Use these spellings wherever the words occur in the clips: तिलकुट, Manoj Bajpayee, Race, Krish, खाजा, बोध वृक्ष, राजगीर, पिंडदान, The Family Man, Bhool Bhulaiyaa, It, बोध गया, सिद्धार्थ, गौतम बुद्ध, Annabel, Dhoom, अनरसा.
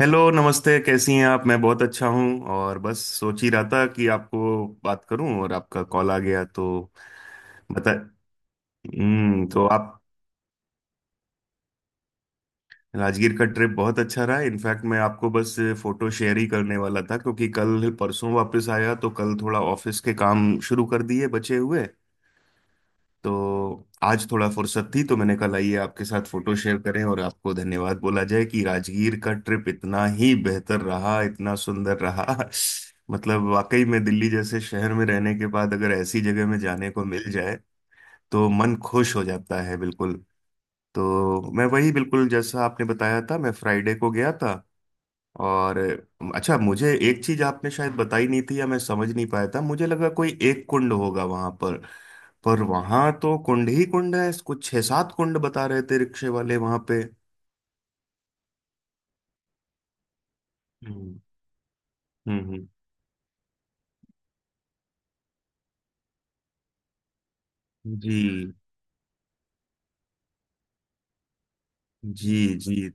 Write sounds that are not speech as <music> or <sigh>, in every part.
Hello, नमस्ते। कैसी हैं आप? मैं बहुत अच्छा हूँ। और बस सोच ही रहा था कि आपको बात करूं और आपका कॉल आ गया, तो बता। हम्म, तो आप, राजगीर का ट्रिप बहुत अच्छा रहा। इनफैक्ट मैं आपको बस फोटो शेयर ही करने वाला था क्योंकि कल परसों वापस आया, तो कल थोड़ा ऑफिस के काम शुरू कर दिए बचे हुए। तो आज थोड़ा फुर्सत थी तो मैंने कहा लाइए आपके साथ फोटो शेयर करें और आपको धन्यवाद बोला जाए कि राजगीर का ट्रिप इतना ही बेहतर रहा, इतना सुंदर रहा। <laughs> मतलब वाकई में दिल्ली जैसे शहर में रहने के बाद अगर ऐसी जगह में जाने को मिल जाए तो मन खुश हो जाता है, बिल्कुल। तो मैं वही, बिल्कुल जैसा आपने बताया था, मैं फ्राइडे को गया था। और अच्छा, मुझे एक चीज आपने शायद बताई नहीं थी या मैं समझ नहीं पाया था। मुझे लगा कोई एक कुंड होगा वहां पर वहां तो कुंड ही कुंड है। कुछ छह सात कुंड बता रहे थे रिक्शे वाले वहां पे। हम्म। हम्म। हम्म। जी। जी। जी।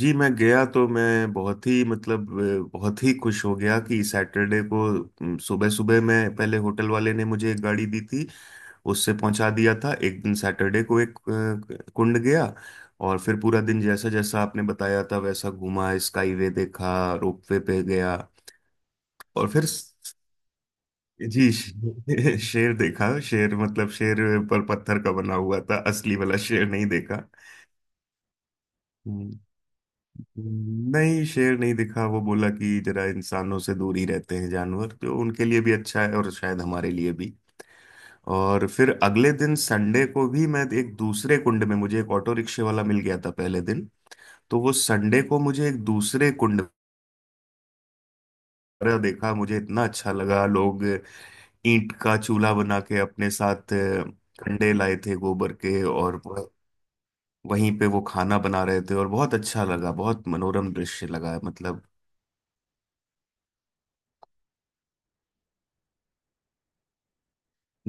जी मैं गया तो मैं बहुत ही, मतलब, बहुत ही खुश हो गया कि सैटरडे को सुबह सुबह मैं, पहले होटल वाले ने मुझे एक गाड़ी दी थी, उससे पहुंचा दिया था एक दिन। सैटरडे को एक कुंड गया। और फिर पूरा दिन जैसा जैसा आपने बताया था वैसा घूमा। स्काईवे देखा, रोपवे पे गया। और फिर स- जी श- <laughs> शेर देखा। शेर, मतलब शेर, पर पत्थर का बना हुआ था, असली वाला शेर नहीं देखा। हम्म, नहीं, शेर नहीं दिखा। वो बोला कि जरा इंसानों से दूर ही रहते हैं जानवर, जो उनके लिए भी अच्छा है और शायद हमारे लिए भी। और फिर अगले दिन संडे को भी मैं एक दूसरे कुंड में, मुझे एक ऑटो रिक्शे वाला मिल गया था पहले दिन, तो वो संडे को मुझे एक दूसरे कुंड पर देखा। मुझे इतना अच्छा लगा, लोग ईंट का चूल्हा बना के अपने साथ कंडे लाए थे गोबर के, और वहीं पे वो खाना बना रहे थे। और बहुत अच्छा लगा, बहुत मनोरम दृश्य लगा, मतलब।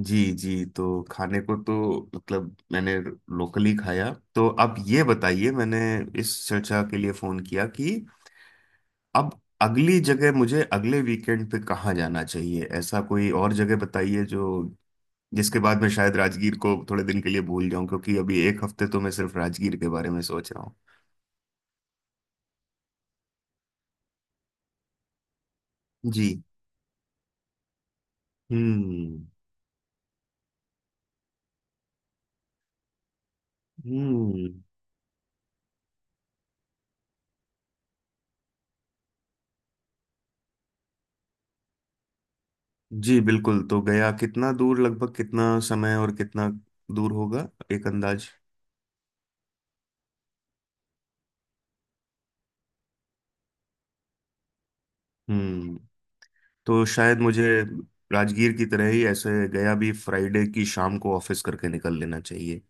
जी जी। तो खाने को तो, मतलब, मैंने लोकली खाया। तो अब ये बताइए, मैंने इस चर्चा के लिए फोन किया कि अब अगली जगह मुझे अगले वीकेंड पे कहाँ जाना चाहिए। ऐसा कोई और जगह बताइए, जो, जिसके बाद मैं शायद राजगीर को थोड़े दिन के लिए भूल जाऊं, क्योंकि अभी एक हफ्ते तो मैं सिर्फ राजगीर के बारे में सोच रहा हूँ। जी। हम्म। हम्म। जी बिल्कुल। तो गया कितना दूर, लगभग कितना समय, और कितना दूर होगा, एक अंदाज? हम्म। तो शायद मुझे राजगीर की तरह ही ऐसे गया भी फ्राइडे की शाम को ऑफिस करके निकल लेना चाहिए।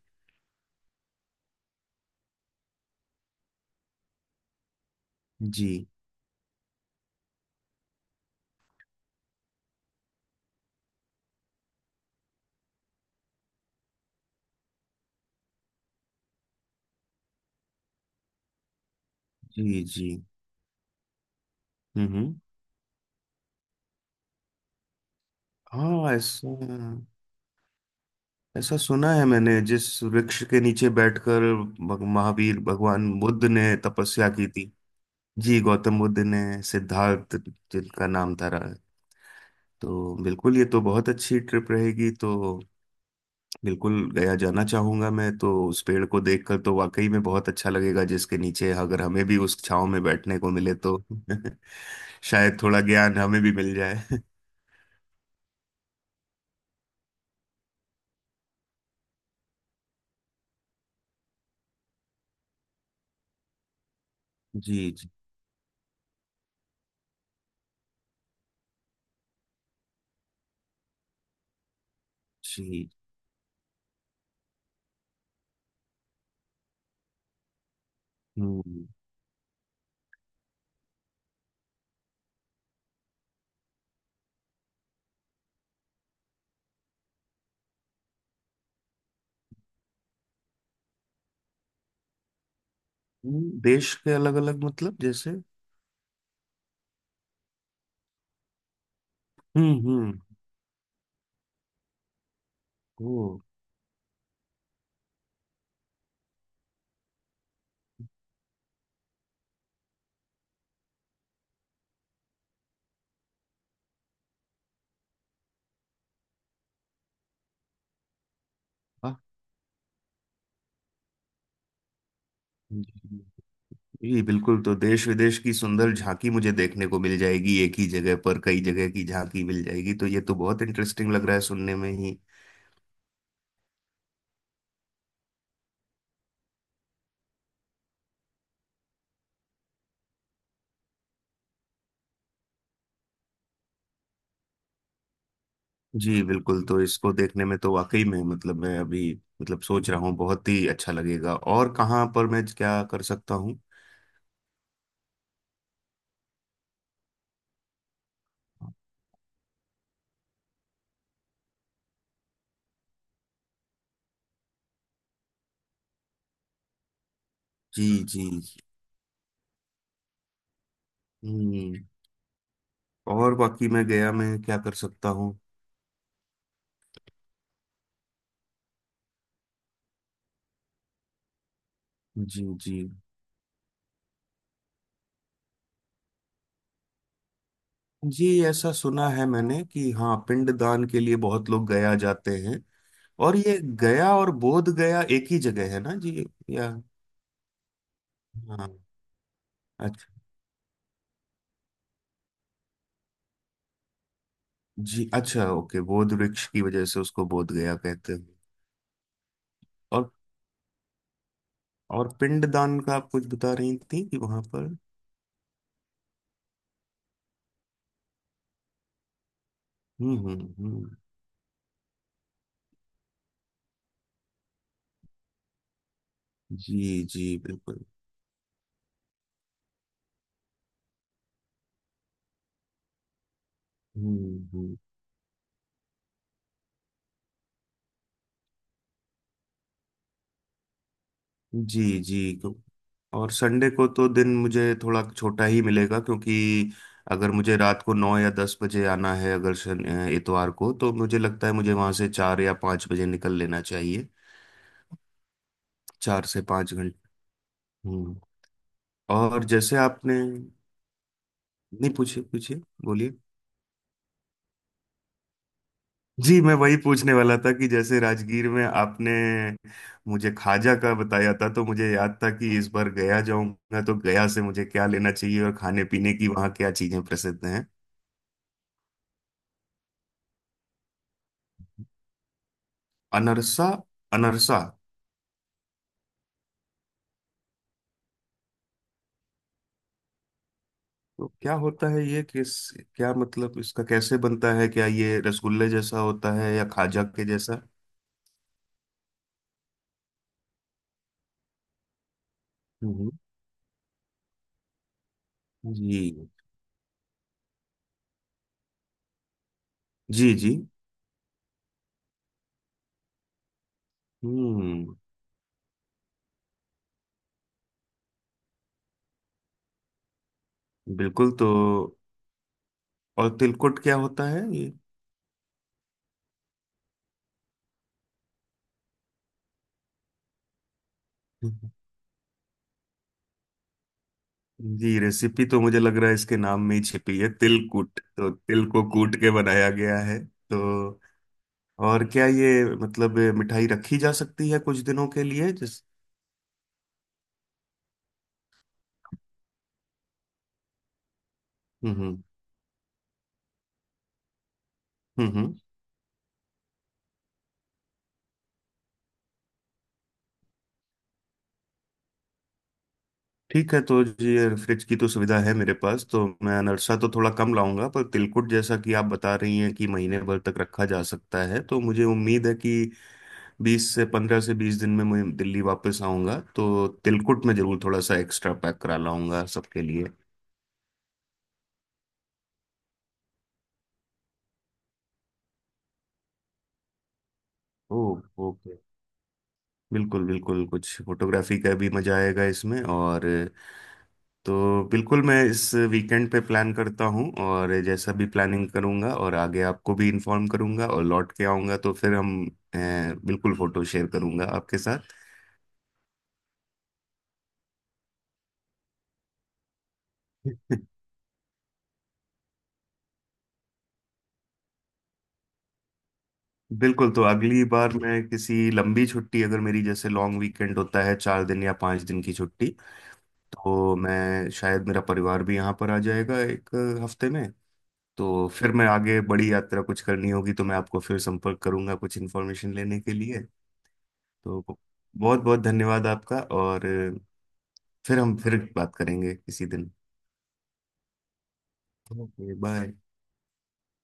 जी। जी। जी। हम्म। हाँ, ऐसा, ऐसा सुना है मैंने, जिस वृक्ष के नीचे बैठकर महावीर भगवान बुद्ध ने तपस्या की थी। जी, गौतम बुद्ध ने, सिद्धार्थ जिनका नाम था रहा। तो बिल्कुल, ये तो बहुत अच्छी ट्रिप रहेगी तो। बिल्कुल, गया जाना चाहूंगा मैं। तो उस पेड़ को देखकर तो वाकई में बहुत अच्छा लगेगा, जिसके नीचे अगर हमें भी उस छांव में बैठने को मिले तो <laughs> शायद थोड़ा ज्ञान हमें भी मिल जाए। <laughs> जी। जी। जी। हम्म। देश के अलग अलग, मतलब जैसे? हम्म। हम्म। ओ। वाह। जी बिल्कुल, तो देश विदेश की सुंदर झांकी मुझे देखने को मिल जाएगी, एक ही जगह पर कई जगह की झांकी मिल जाएगी, तो ये तो बहुत इंटरेस्टिंग लग रहा है सुनने में ही। जी बिल्कुल, तो इसको देखने में तो वाकई में, मतलब, मैं अभी, मतलब, सोच रहा हूँ, बहुत ही अच्छा लगेगा। और कहाँ पर मैं क्या कर सकता हूँ? जी। जी। हम्म। और बाकी मैं गया मैं क्या कर सकता हूँ? जी। जी। जी, ऐसा सुना है मैंने कि हाँ, पिंडदान के लिए बहुत लोग गया जाते हैं। और ये गया और बोध गया एक ही जगह है ना जी, या? हाँ। अच्छा। जी अच्छा, ओके, बोध वृक्ष की वजह से उसको बोध गया कहते हैं। और और पिंडदान का आप कुछ बता रही थी कि वहां पर? हम्म। हम्म। हम्म। जी जी बिल्कुल। हम्म। हम्म। जी जी, तो, और संडे को तो दिन मुझे थोड़ा छोटा ही मिलेगा, क्योंकि अगर मुझे रात को 9 या 10 बजे आना है, अगर शन- इतवार को तो मुझे लगता है मुझे वहां से 4 या 5 बजे निकल लेना चाहिए। 4 से 5 घंटे। हम्म। और जैसे आपने, नहीं पूछिए पूछिए, बोलिए। जी, मैं वही पूछने वाला था कि जैसे राजगीर में आपने मुझे खाजा का बताया था, तो मुझे याद था कि इस बार गया जाऊंगा तो गया से मुझे क्या लेना चाहिए और खाने पीने की वहाँ क्या चीजें प्रसिद्ध हैं। अनरसा। अनरसा। तो क्या होता है ये, किस, क्या मतलब इसका, कैसे बनता है, क्या ये रसगुल्ले जैसा होता है या खाजा के जैसा? हम्म। जी। जी। जी। हम्म। बिल्कुल, तो, और तिलकुट क्या होता है ये? हम्म। जी, रेसिपी तो मुझे लग रहा है इसके नाम में ही छिपी है, तिलकुट, तो तिल को कूट के बनाया गया है तो। और क्या ये मतलब मिठाई रखी जा सकती है कुछ दिनों के लिए, जिस, हम्म। हम्म। हम्म। ठीक है, तो जी, ये फ्रिज की तो सुविधा है मेरे पास, तो मैं अनरसा तो थोड़ा कम लाऊंगा, पर तिलकुट जैसा कि आप बता रही हैं कि महीने भर तक रखा जा सकता है, तो मुझे उम्मीद है कि बीस से 15 से 20 दिन में मैं दिल्ली वापस आऊंगा, तो तिलकुट में जरूर थोड़ा सा एक्स्ट्रा पैक करा लाऊंगा सबके लिए। ओ। ओके। बिल्कुल बिल्कुल, कुछ फोटोग्राफी का भी मजा आएगा इसमें। और, तो बिल्कुल मैं इस वीकेंड पे प्लान करता हूँ, और जैसा भी प्लानिंग करूँगा और आगे आपको भी इन्फॉर्म करूँगा, और लौट के आऊँगा तो फिर हम, अ, बिल्कुल फोटो शेयर करूँगा आपके साथ। <laughs> बिल्कुल, तो अगली बार मैं किसी लंबी छुट्टी, अगर मेरी जैसे लॉन्ग वीकेंड होता है 4 दिन या 5 दिन की छुट्टी, तो मैं शायद, मेरा परिवार भी यहाँ पर आ जाएगा एक हफ्ते में, तो फिर मैं आगे बड़ी यात्रा कुछ करनी होगी तो मैं आपको फिर संपर्क करूंगा कुछ इन्फॉर्मेशन लेने के लिए। तो बहुत बहुत धन्यवाद आपका, और फिर हम फिर बात करेंगे किसी दिन। Okay, bye.